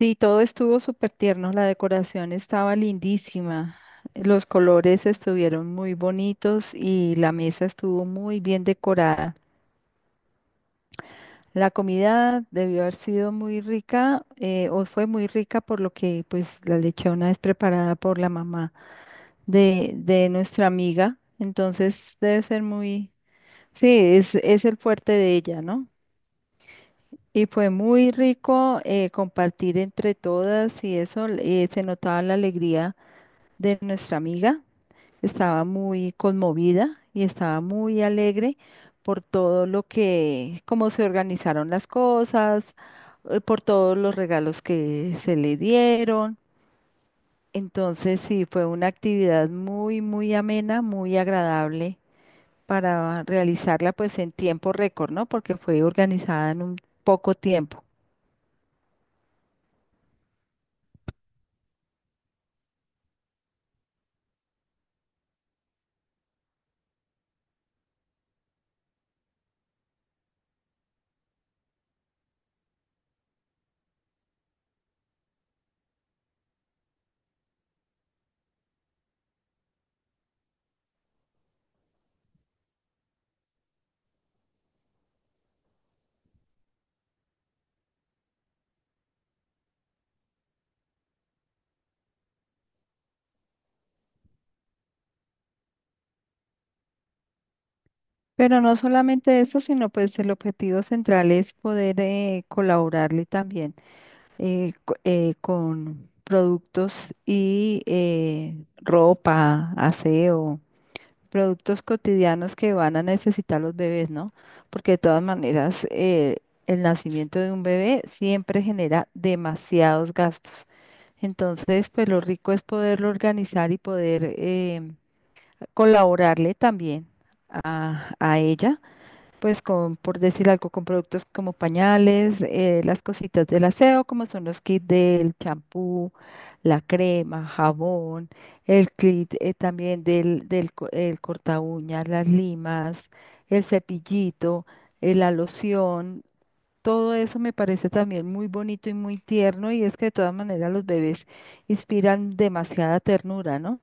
Sí, todo estuvo súper tierno, la decoración estaba lindísima, los colores estuvieron muy bonitos y la mesa estuvo muy bien decorada. La comida debió haber sido muy rica o fue muy rica por lo que pues la lechona es preparada por la mamá de nuestra amiga, entonces debe ser muy, sí, es el fuerte de ella, ¿no? Y fue muy rico, compartir entre todas y eso, se notaba la alegría de nuestra amiga. Estaba muy conmovida y estaba muy alegre por todo lo que, cómo se organizaron las cosas, por todos los regalos que se le dieron. Entonces, sí, fue una actividad muy amena, muy agradable para realizarla pues en tiempo récord, ¿no? Porque fue organizada en un poco tiempo. Pero no solamente eso, sino pues el objetivo central es poder colaborarle también con productos y ropa, aseo, productos cotidianos que van a necesitar los bebés, ¿no? Porque de todas maneras, el nacimiento de un bebé siempre genera demasiados gastos. Entonces, pues lo rico es poderlo organizar y poder, colaborarle también a ella pues con, por decir algo, con productos como pañales, las cositas del aseo, como son los kits del champú, la crema, jabón, el kit también el corta uñas, las limas, el cepillito, la loción. Todo eso me parece también muy bonito y muy tierno, y es que de todas maneras los bebés inspiran demasiada ternura, ¿no?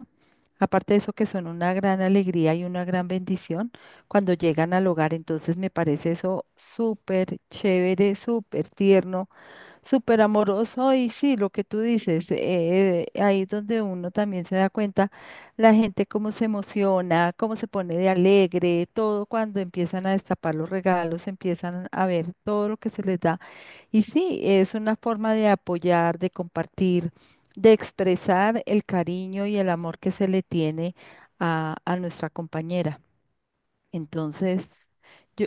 Aparte de eso, que son una gran alegría y una gran bendición cuando llegan al hogar. Entonces me parece eso súper chévere, súper tierno, súper amoroso y sí, lo que tú dices, ahí es donde uno también se da cuenta la gente cómo se emociona, cómo se pone de alegre, todo cuando empiezan a destapar los regalos, empiezan a ver todo lo que se les da. Y sí, es una forma de apoyar, de compartir, de expresar el cariño y el amor que se le tiene a nuestra compañera. Entonces... yo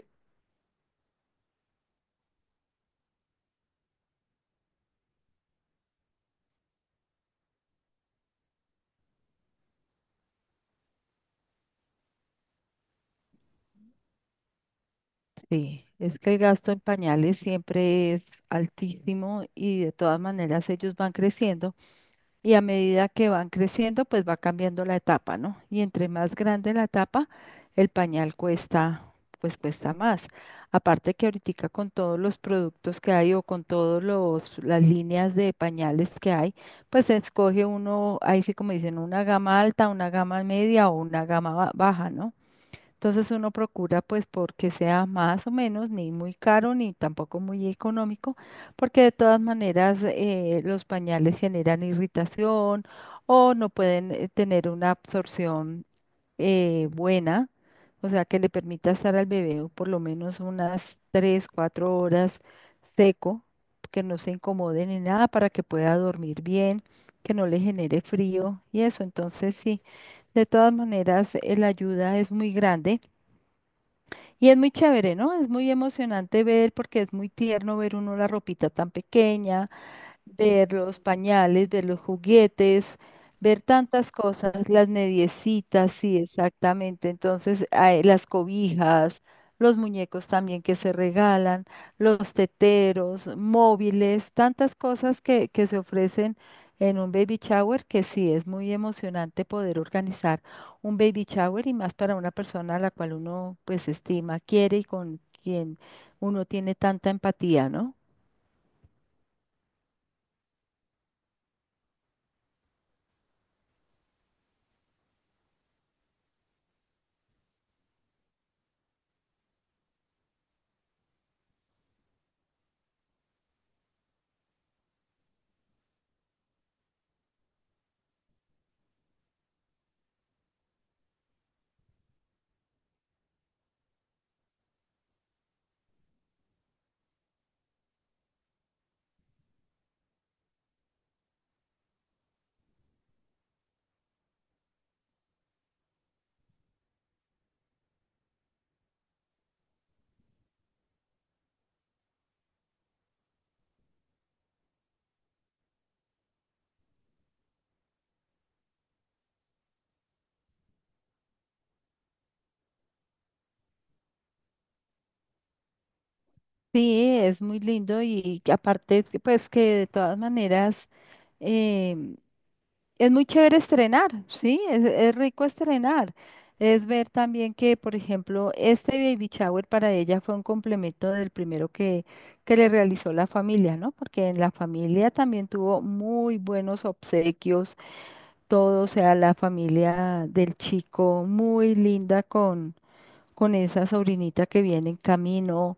sí, es que el gasto en pañales siempre es altísimo y de todas maneras ellos van creciendo y a medida que van creciendo pues va cambiando la etapa, ¿no? Y entre más grande la etapa, el pañal cuesta, pues cuesta más. Aparte que ahorita con todos los productos que hay o con todos los las líneas de pañales que hay, pues se escoge uno, ahí sí como dicen, una gama alta, una gama media o una gama ba- baja, ¿no? Entonces uno procura pues porque sea más o menos ni muy caro ni tampoco muy económico, porque de todas maneras, los pañales generan irritación o no pueden, tener una absorción buena, o sea que le permita estar al bebé por lo menos unas 3 4 horas seco, que no se incomode ni nada para que pueda dormir bien, que no le genere frío y eso. Entonces sí, de todas maneras, la ayuda es muy grande. Y es muy chévere, ¿no? Es muy emocionante ver porque es muy tierno ver uno la ropita tan pequeña, ver los pañales, ver los juguetes, ver tantas cosas, las mediecitas, sí, exactamente. Entonces, hay las cobijas, los muñecos también que se regalan, los teteros, móviles, tantas cosas que se ofrecen en un baby shower, que sí es muy emocionante poder organizar un baby shower y más para una persona a la cual uno pues estima, quiere y con quien uno tiene tanta empatía, ¿no? Sí, es muy lindo y que aparte, que, pues que de todas maneras, em, es muy chévere estrenar, ¿sí? Es rico estrenar. Es ver también que, por ejemplo, este baby shower para ella fue un complemento del primero que le realizó la familia, ¿no? Porque en la familia también tuvo muy buenos obsequios, todo, o sea, la familia del chico, muy linda con esa sobrinita que viene en camino,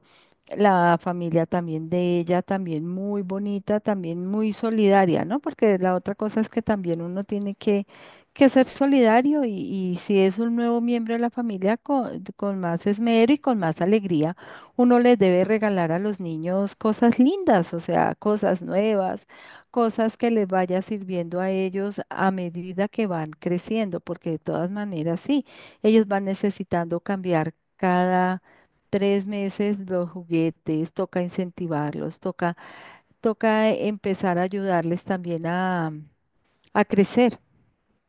la familia también de ella, también muy bonita, también muy solidaria, ¿no? Porque la otra cosa es que también uno tiene que ser solidario y si es un nuevo miembro de la familia, con más esmero y con más alegría, uno les debe regalar a los niños cosas lindas, o sea, cosas nuevas, cosas que les vaya sirviendo a ellos a medida que van creciendo, porque de todas maneras sí. Ellos van necesitando cambiar cada tres meses los juguetes, toca incentivarlos, toca, toca empezar a ayudarles también a crecer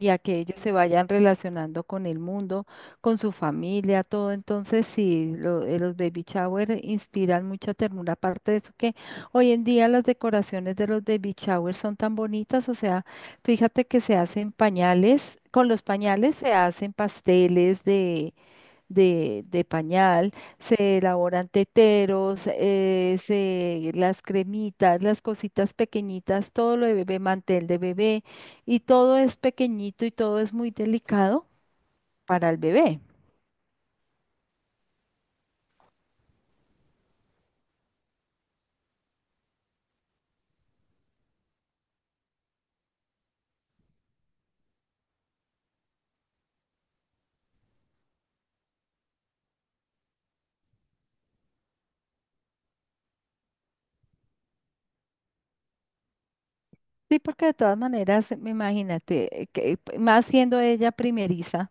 y a que ellos se vayan relacionando con el mundo, con su familia, todo. Entonces, sí, los baby shower inspiran mucha ternura, aparte de eso que hoy en día las decoraciones de los baby shower son tan bonitas, o sea, fíjate que se hacen pañales, con los pañales se hacen pasteles de pañal, se elaboran teteros, las cremitas, las cositas pequeñitas, todo lo de bebé, mantel de bebé, y todo es pequeñito y todo es muy delicado para el bebé. Sí, porque de todas maneras, imagínate, más siendo ella primeriza,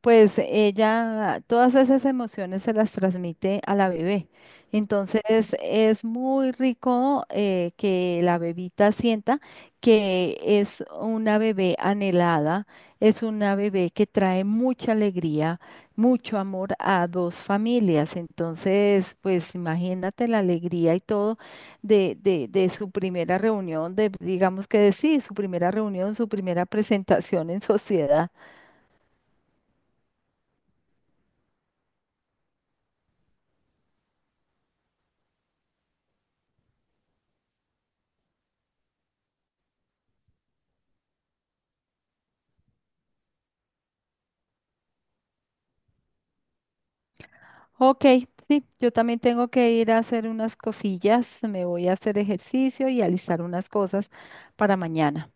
pues ella todas esas emociones se las transmite a la bebé. Entonces es muy rico, que la bebita sienta que es una bebé anhelada, es una bebé que trae mucha alegría, mucho amor a dos familias. Entonces, pues imagínate la alegría y todo de su primera reunión, de digamos que de sí, su primera reunión, su primera presentación en sociedad. Ok, sí, yo también tengo que ir a hacer unas cosillas, me voy a hacer ejercicio y alistar unas cosas para mañana.